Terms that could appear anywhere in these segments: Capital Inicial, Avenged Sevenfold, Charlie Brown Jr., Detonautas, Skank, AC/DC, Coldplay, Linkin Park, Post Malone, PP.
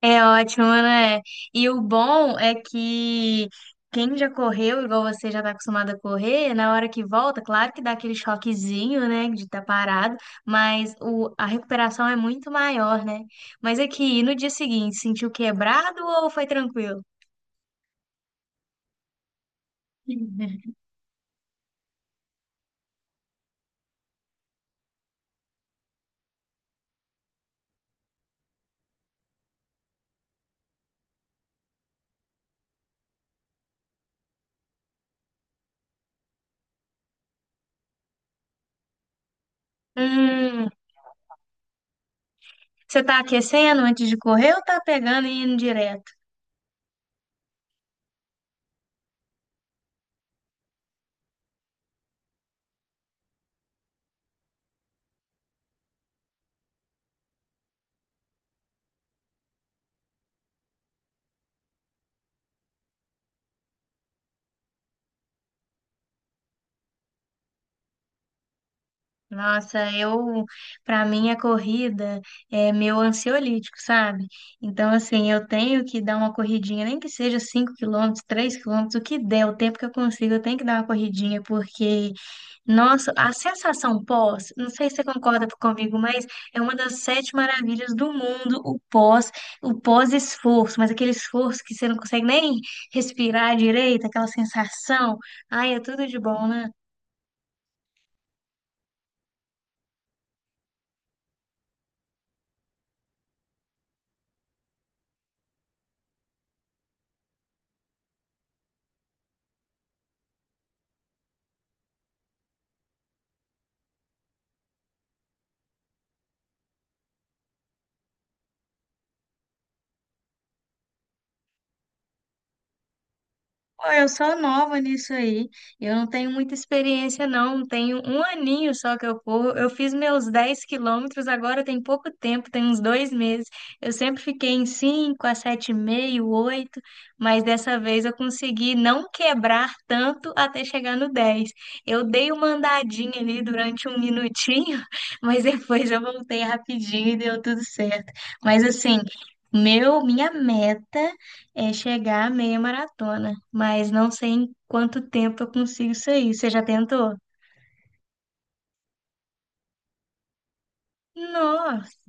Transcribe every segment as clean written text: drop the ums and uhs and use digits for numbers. É ótimo, né? E o bom é que quem já correu, igual você já tá acostumado a correr, na hora que volta, claro que dá aquele choquezinho, né, de estar parado, mas a recuperação é muito maior, né? Mas aqui, no dia seguinte, sentiu quebrado ou foi tranquilo? Hum, Você tá aquecendo antes de correr ou tá pegando e indo direto? Nossa, para mim a corrida é meu ansiolítico, sabe? Então, assim, eu tenho que dar uma corridinha, nem que seja 5 km, 3 km, o que der, o tempo que eu consigo, eu tenho que dar uma corridinha, porque, nossa, a sensação pós, não sei se você concorda comigo, mas é uma das sete maravilhas do mundo, o pós, o pós-esforço, mas aquele esforço que você não consegue nem respirar direito, aquela sensação, ai, é tudo de bom, né? Pô, eu sou nova nisso aí. Eu não tenho muita experiência, não. Tenho um aninho só que eu corro. Eu fiz meus 10 km agora tem pouco tempo, tem uns 2 meses. Eu sempre fiquei em 5 a sete e meio oito, mas dessa vez eu consegui não quebrar tanto até chegar no 10. Eu dei uma andadinha ali durante um minutinho, mas depois eu voltei rapidinho e deu tudo certo. Mas assim, minha meta é chegar à meia maratona, mas não sei em quanto tempo eu consigo sair. Você já tentou? Nossa!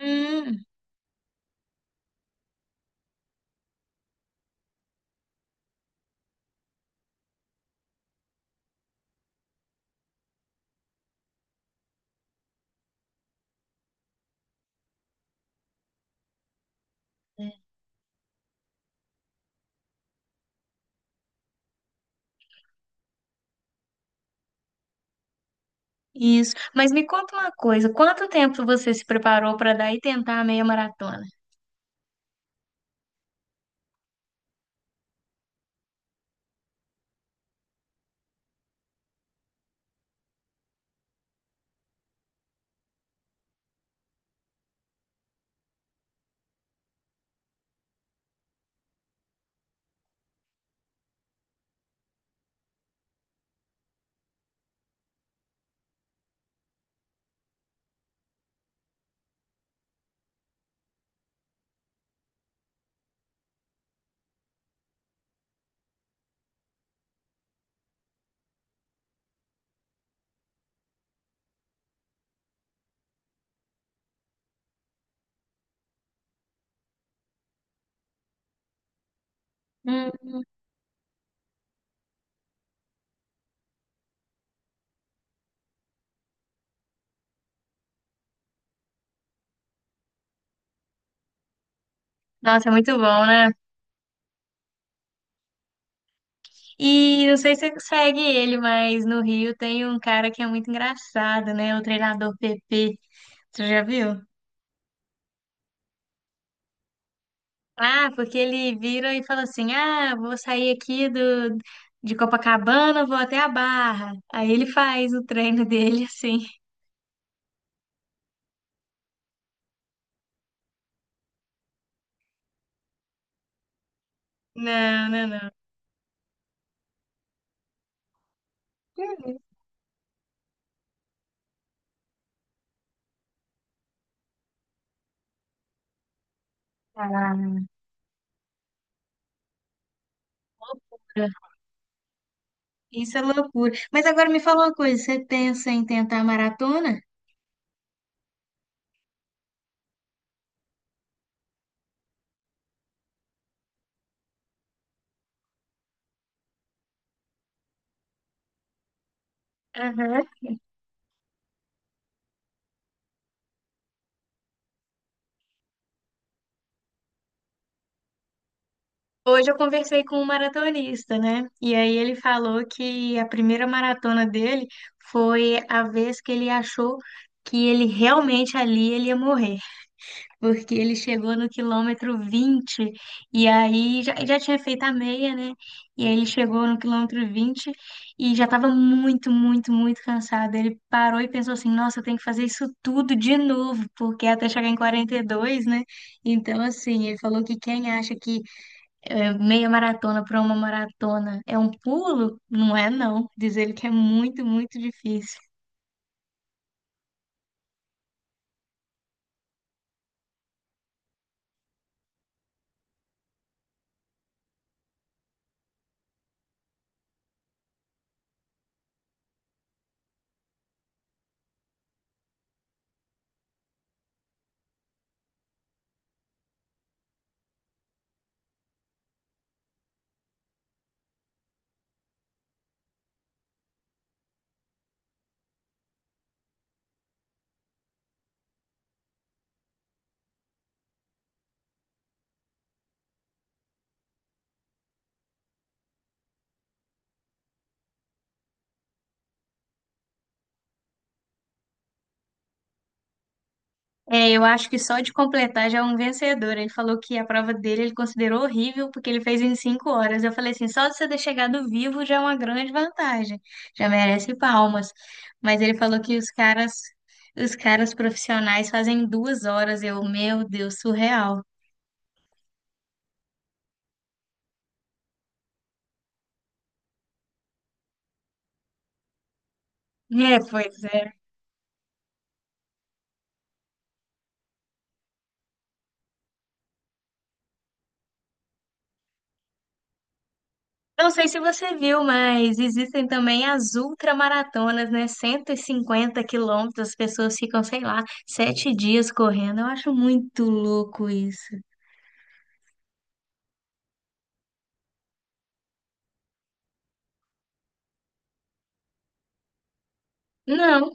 Hum, isso. Mas me conta uma coisa, quanto tempo você se preparou para dar e tentar a meia maratona? Hum, nossa, é muito bom, né? E não sei se você segue ele, mas no Rio tem um cara que é muito engraçado, né? O treinador PP. Você já viu? Ah, porque ele vira e fala assim: Ah, vou sair aqui de Copacabana, vou até a Barra. Aí ele faz o treino dele assim. Não, não, não. Que isso, cara? Loucura. Isso é loucura. Mas agora me fala uma coisa: você pensa em tentar maratona? Aham. Hoje eu conversei com um maratonista, né? E aí ele falou que a primeira maratona dele foi a vez que ele achou que ele realmente ali ele ia morrer, porque ele chegou no quilômetro 20 e aí já tinha feito a meia, né? E aí ele chegou no quilômetro 20 e já estava muito, muito, muito cansado. Ele parou e pensou assim: nossa, eu tenho que fazer isso tudo de novo, porque é até chegar em 42, né? Então, assim, ele falou que quem acha que é, meia maratona para uma maratona é um pulo, não é, não. Diz ele que é muito, muito difícil. É, eu acho que só de completar já é um vencedor. Ele falou que a prova dele ele considerou horrível porque ele fez em 5 horas. Eu falei assim, só de você ter chegado vivo já é uma grande vantagem, já merece palmas. Mas ele falou que os caras profissionais fazem 2 horas. Eu, meu Deus, surreal. É, pois é. Não sei se você viu, mas existem também as ultramaratonas, né? 150 km, as pessoas ficam, sei lá, 7 dias correndo. Eu acho muito louco isso. Não,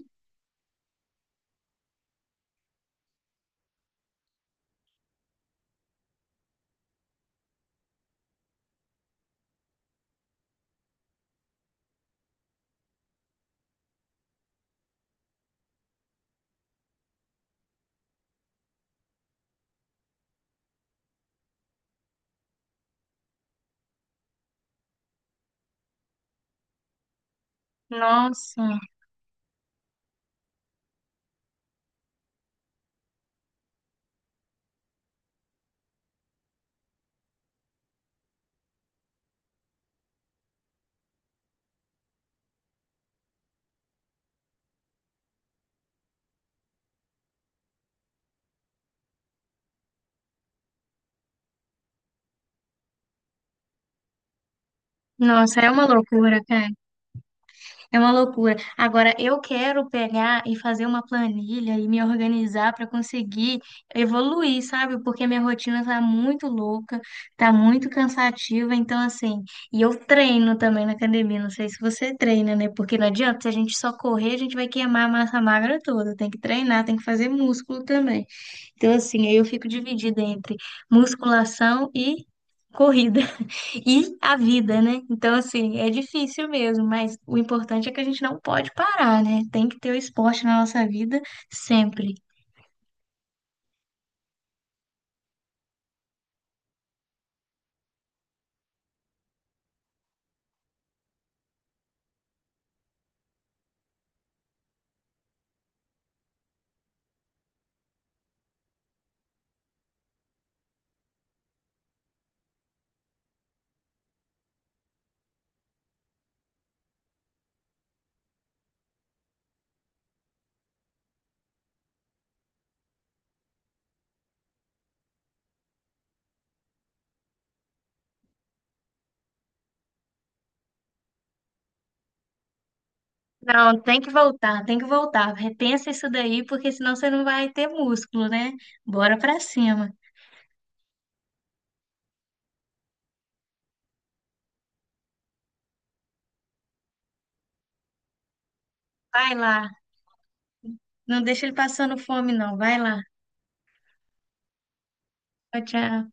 nossa, nossa, é uma loucura, cara. É uma loucura. Agora, eu quero pegar e fazer uma planilha e me organizar para conseguir evoluir, sabe? Porque minha rotina tá muito louca, tá muito cansativa. Então, assim, e eu treino também na academia. Não sei se você treina, né? Porque não adianta, se a gente só correr, a gente vai queimar a massa magra toda. Tem que treinar, tem que fazer músculo também. Então, assim, aí eu fico dividida entre musculação e corrida. E a vida, né? Então, assim, é difícil mesmo, mas o importante é que a gente não pode parar, né? Tem que ter o esporte na nossa vida sempre. Não, tem que voltar, tem que voltar. Repensa isso daí, porque senão você não vai ter músculo, né? Bora pra cima. Vai lá. Não deixa ele passando fome, não. Vai lá. Tchau, tchau.